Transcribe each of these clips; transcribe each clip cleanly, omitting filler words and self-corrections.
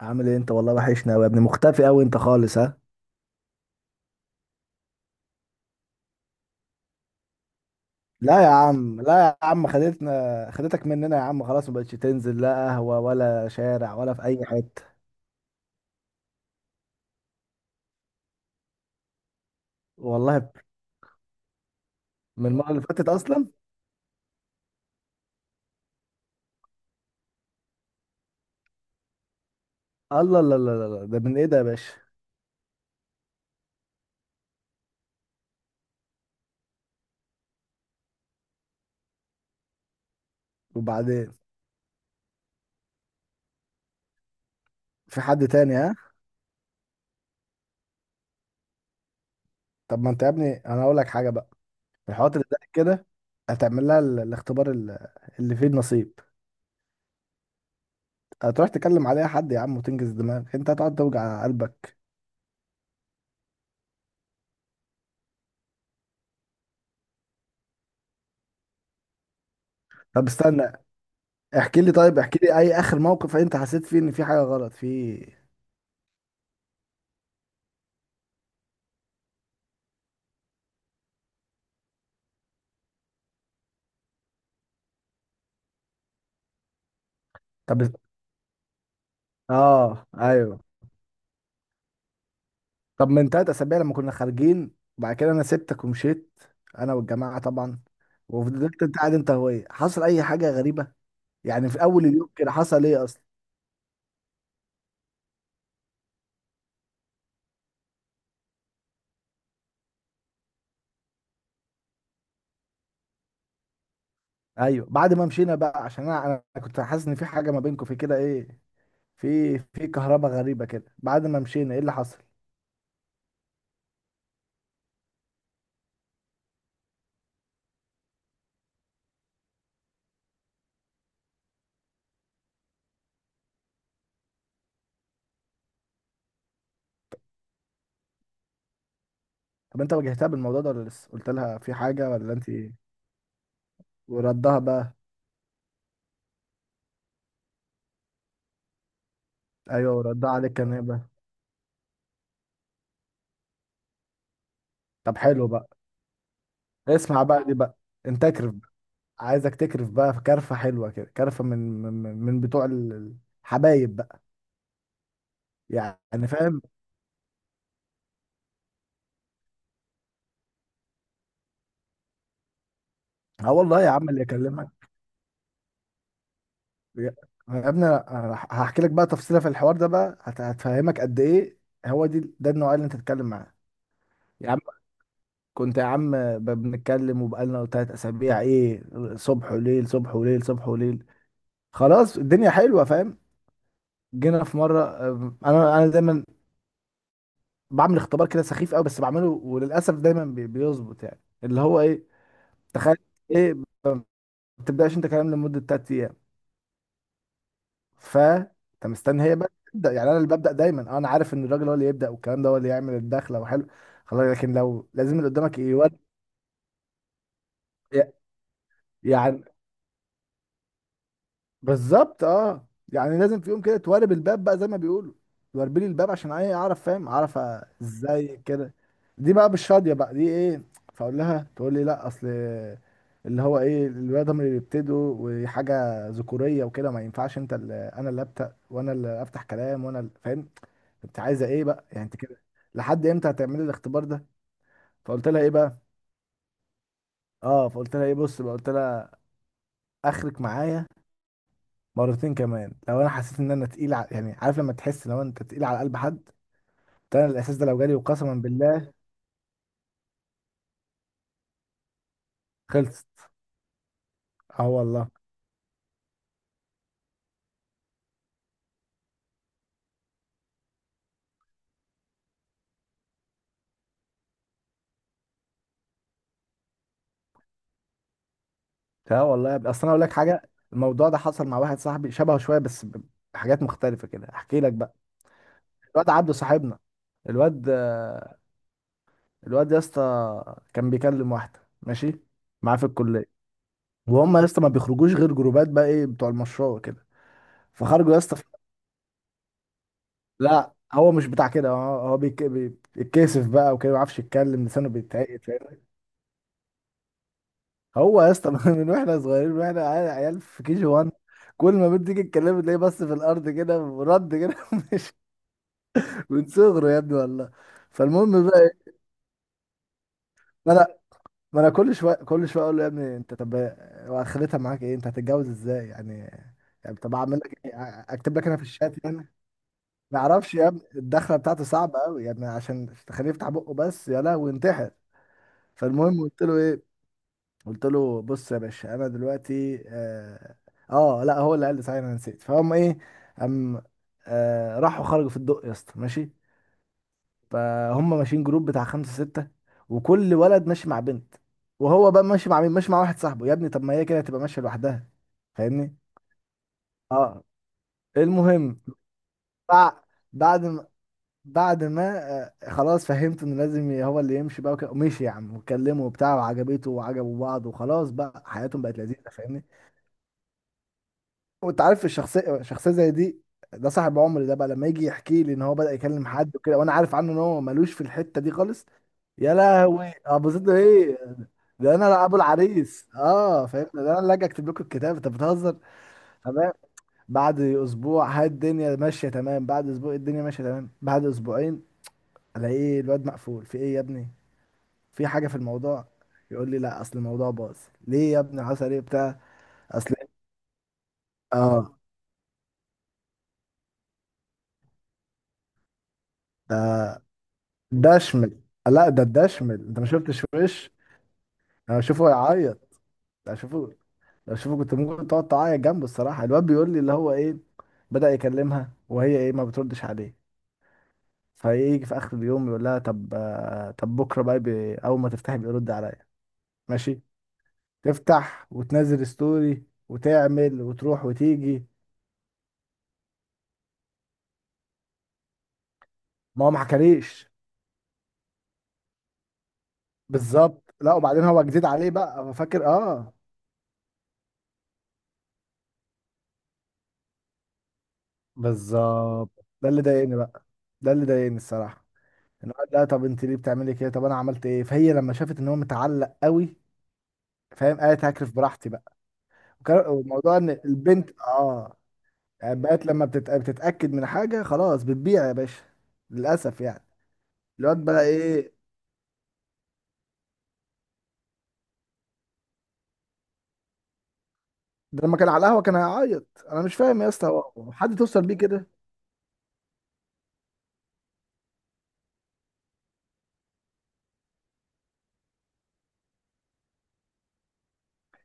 عامل ايه انت؟ والله وحشنا قوي يا ابني، مختفي قوي انت خالص، ها. لا يا عم، خدتنا، خدتك مننا يا عم، خلاص ما بقتش تنزل لا قهوة ولا شارع ولا في اي حتة. والله من المرة اللي فاتت اصلا. الله، لا لا لا لا، ده من ايه ده يا باشا؟ وبعدين، في حد تاني؟ ها. طب ما انت يا ابني، انا هقول لك حاجة بقى، في الحوارات اللي زي كده هتعمل لها الاختبار اللي فيه النصيب. هتروح تكلم عليها حد يا عم وتنجز دماغك، انت هتقعد توجع قلبك. طب استنى، احكي لي، اي اخر موقف انت حسيت فيه ان في حاجه غلط في، طب. اه ايوه، طب من تلات اسابيع لما كنا خارجين، وبعد كده انا سبتك ومشيت، انا والجماعه طبعا، وفضلت انت قاعد انت وهي، حصل اي حاجه غريبه؟ يعني في اول اليوم كده حصل ايه اصلا؟ ايوه، بعد ما مشينا بقى، عشان انا كنت حاسس ان في حاجه ما بينكم في كده، ايه؟ في كهرباء غريبه كده بعد ما مشينا، ايه اللي حصل؟ طب انت واجهتها بالموضوع ده ولا لسه؟ قلت لها في حاجه ولا انت ايه؟ وردها بقى؟ ايوه، وردها عليك كان إيه بقى؟ طب حلو بقى، اسمع بقى دي بقى، انت اكرف بقى، عايزك تكرف بقى، في كرفه حلوه كده، كرفه من بتوع الحبايب بقى، يعني فاهم. اه والله يا عم اللي يكلمك. يا يا ابني، أنا هحكي لك بقى تفصيله في الحوار ده بقى، هتفهمك قد ايه هو دي، ده النوع اللي انت تتكلم معاه. يا عم، كنت يا عم بنتكلم وبقالنا تلات اسابيع ايه، صبح وليل، صبح وليل، صبح وليل، خلاص الدنيا حلوه، فاهم. جينا في مره، انا دايما بعمل اختبار كده سخيف قوي، بس بعمله وللاسف دايما بيظبط، يعني اللي هو ايه، تخيل، ايه ما بتبداش انت كلام لمده 3 ايام، ف انت مستني هي بقى تبدا، يعني انا اللي ببدا دايما. انا عارف ان الراجل هو اللي يبدا، والكلام ده هو اللي يعمل الدخله وحلو خلاص، لكن لو لازم اللي قدامك يود يعني. بالظبط، اه، يعني لازم في يوم كده توارب الباب بقى زي ما بيقولوا، توربلي الباب عشان ايه؟ اعرف، فاهم؟ اعرف ازاي كده، دي بقى بالشاديه بقى دي، ايه. فاقول لها، تقول لي لا اصل اللي هو ايه، الولاد هم اللي بيبتدوا وحاجه ذكوريه وكده، ما ينفعش انت اللي انا اللي ابدا وانا اللي افتح كلام وانا اللي، فاهم. انت عايزه ايه بقى يعني انت كده؟ لحد امتى هتعملي الاختبار ده؟ فقلت لها ايه بقى، اه، فقلت لها ايه، بص بقى، قلت لها اخرك معايا مرتين كمان، لو انا حسيت ان انا تقيل ع... يعني عارف لما تحس لو انت تقيل على قلب حد، ده انا الاحساس ده لو جالي وقسما بالله خلصت. اه والله. اه والله يا ابني. اصل انا اقول لك حاجه، الموضوع ده حصل مع واحد صاحبي، شبهه شويه بس بحاجات مختلفه كده، احكي لك بقى. الواد عبده صاحبنا، الواد الواد يا اسطى كان بيكلم واحده ماشي معاه في الكليه، وهم يا اسطى ما بيخرجوش غير جروبات بقى، ايه، بتوع المشروع وكده، فخرجوا يا اسطى. لا، هو مش بتاع كده، هو بيتكسف بقى وكده، ما بيعرفش يتكلم، لسانه بيتعقد، فاهمني. هو يا اسطى، من واحنا صغيرين، من واحنا عيال، عيال في كي جي 1، كل ما بنت تيجي تكلمه تلاقيه بس في الارض كده ورد كده مش من صغره يا ابني والله. فالمهم بقى إيه، ما انا ما انا كل شويه كل شويه اقول له يا ابني انت، طب واخرتها معاك ايه؟ انت هتتجوز ازاي يعني؟ يعني طب اعمل لك إيه؟ اكتب لك انا في الشات يعني؟ ما اعرفش يا ابني، الدخله بتاعته صعبه قوي، يعني عشان تخليه يفتح بقه بس يا لهوي، ينتحر. فالمهم قلت له ايه، قلت له بص يا باشا، انا دلوقتي لا، هو اللي قال لي صحيح، انا نسيت، فهم ايه، هم، راحوا خرجوا في الدق يا اسطى ماشي، فهم ماشيين جروب بتاع خمسة ستة، وكل ولد ماشي مع بنت، وهو بقى ماشي مع مين؟ ماشي مع واحد صاحبه، يا ابني طب ما هي كده هتبقى ماشية لوحدها، فاهمني. اه، المهم، بع- بعد ما بعد ما خلاص فهمت ان لازم هو اللي يمشي بقى وكده، ومشي يا عم، واتكلموا وبتاع، وعجبته، وعجبوا بعض، وخلاص بقى حياتهم بقت لذيذه، فاهمني. وانت عارف الشخصيه، شخصيه زي دي، ده صاحب عمري، ده بقى لما يجي يحكي لي ان هو بدأ يكلم حد وكده، وانا عارف عنه ان هو ملوش في الحته دي خالص، يا لهوي ابوظت له ايه، ده انا ابو العريس، اه فاهم، ده انا اللي اجي اكتب لكم الكتاب، انت بتهزر. تمام، بعد اسبوع هاي الدنيا ماشيه تمام، بعد اسبوع الدنيا ماشيه تمام، بعد اسبوعين الاقي الواد مقفول في ايه يا ابني، في حاجه في الموضوع. يقول لي لا، اصل الموضوع باظ. ليه يا ابني حصل ايه بتاع؟ اصل، اه، ده ده شمل، لا ده شمل، انت ما شفتش وش، انا بشوفه يعيط، انا بشوفه، لو شوفه كنت ممكن تقعد تعيط جنبه الصراحه. الواد بيقول لي اللي هو ايه، بدأ يكلمها وهي ايه، ما بتردش عليه، فيجي في اخر اليوم يقول لها طب، طب بكره بقى اول ما تفتحي بيرد عليا ماشي، تفتح وتنزل ستوري وتعمل وتروح وتيجي. ما هو ما حكاليش. بالظبط، لا وبعدين هو جديد عليه بقى، هو فاكر، اه. بالظبط، ده اللي ضايقني بقى، ده اللي ضايقني الصراحه، ان هو قال لا طب انت ليه بتعملي كده؟ طب انا عملت ايه؟ فهي لما شافت ان هو متعلق قوي، فاهم، قالت هكرف براحتي بقى. وموضوع ان البنت، اه، يعني بقت لما بتتاكد من حاجه خلاص بتبيع يا باشا، للاسف يعني. الواد بقى ايه، ده لما كان على القهوه كان هيعيط، انا مش فاهم يا اسطى، هو حد توصل بيه كده؟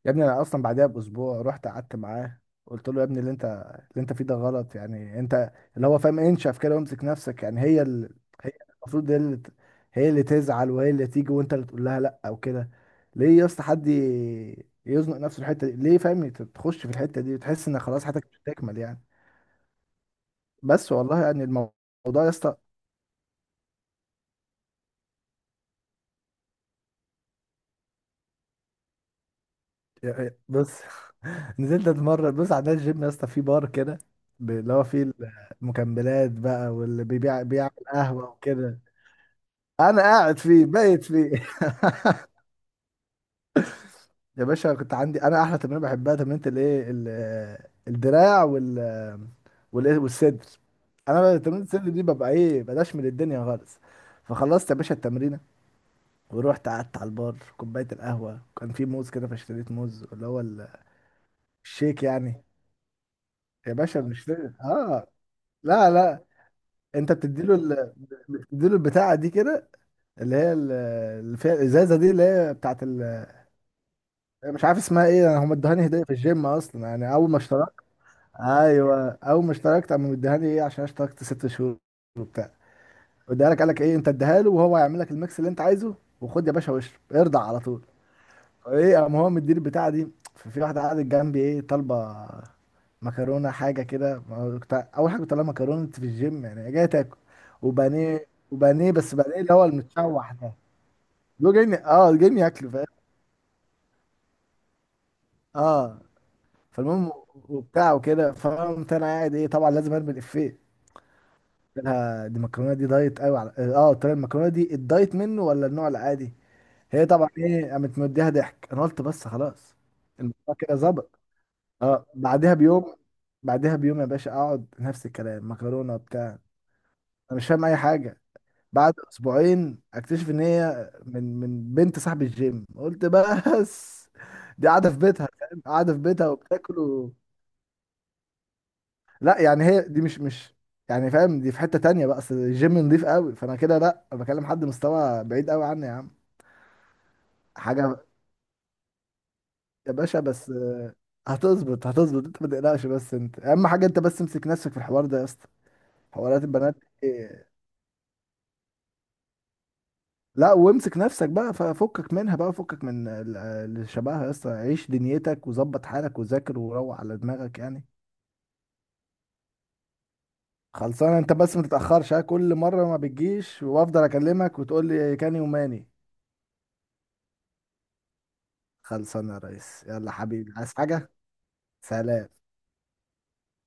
يا ابني انا اصلا بعدها باسبوع رحت قعدت معاه، قلت له يا ابني، اللي انت فيه ده غلط يعني، انت اللي هو فاهم انشف كده، وامسك نفسك، يعني هي اللي، هي المفروض هي اللي تزعل، وهي اللي تيجي، وانت اللي تقول لها لا او كده. ليه يا اسطى حد يزنق نفسه الحته دي ليه؟ فاهم، تخش في الحته دي وتحس ان خلاص حياتك مش هتكمل يعني. بس والله يعني الموضوع، يا اسطى، يعني بص، نزلت اتمرن، بص عندنا الجيم يا اسطى فيه بار كده، اللي هو فيه المكملات بقى، واللي بيبيع بيعمل قهوة وكده، انا قاعد فيه، بايت فيه. يا باشا، كنت عندي انا احلى تمرين بحبها، تمرينة الايه، الدراع، وال، والايه، والصدر. انا بقى تمرينة الصدر دي ببقى ايه، بلاش من الدنيا خالص. فخلصت يا باشا التمرينة، ورحت قعدت على البار، كوباية القهوة، كان في موز كده، فاشتريت موز اللي هو الشيك يعني. يا باشا بنشتري اه، لا لا، انت بتديله ال... بتديله البتاعه دي كده، اللي هي اللي فيها الازازه دي، اللي هي بتاعت ال... مش عارف اسمها ايه، هم ادوهاني هديه في الجيم اصلا، يعني اول ما اشتركت. ايوه، اول ما اشتركت قاموا مديهاني ايه، عشان اشتركت ست شهور وبتاع، اديها لك، قال لك ايه، انت اديها له وهو هيعمل لك الميكس اللي انت عايزه، وخد يا باشا واشرب، ارضع على طول. ايه، قام هو مديني البتاعه دي، ففي واحده قعدت جنبي ايه، طالبه مكرونه، حاجه كده، ما اول حاجه كنت طالع مكرونه في الجيم، يعني جاي تاكل، وبانيه وبانيه، بس بانيه اللي هو المتشوح ده. دول جايين اه، جايين ياكلوا، فاهم. اه. فالمهم وبتاع وكده، فقمت انا قاعد ايه، طبعا لازم ارمي الافيه، قلت لها دي المكرونه دي دايت قوي على، اه، قلت لها المكرونه دي الدايت منه ولا النوع العادي؟ هي طبعا ايه قامت مديها ضحك، انا قلت بس خلاص، الموضوع كده ظبط. اه، بعدها بيوم، بعدها بيوم يا باشا اقعد نفس الكلام، مكرونه بتاع. انا مش فاهم اي حاجه. بعد اسبوعين اكتشف ان هي من بنت صاحب الجيم، قلت بس، دي قاعده في بيتها، فاهم، قاعده في بيتها وبتاكل و... لا، يعني هي دي مش، يعني فاهم، دي في حته تانية بقى، اصل الجيم نضيف قوي، فانا كده لا، أنا بكلم حد مستوى بعيد قوي عني يا عم، حاجه. يا باشا بس، هتظبط، هتظبط، انت ما تقلقش، بس انت اهم حاجه انت بس امسك نفسك في الحوار ده يا اسطى، حوارات البنات دي، لا، وامسك نفسك بقى، ففكك منها بقى، فكك من اللي شبهها يا اسطى، عيش دنيتك وظبط حالك وذاكر وروح على دماغك يعني. خلصانه، انت بس ما تتاخرش ها، كل مره ما بتجيش وافضل اكلمك وتقول لي كان يوماني. خلصانه يا ريس، يلا حبيبي، عايز حاجه؟ سلام.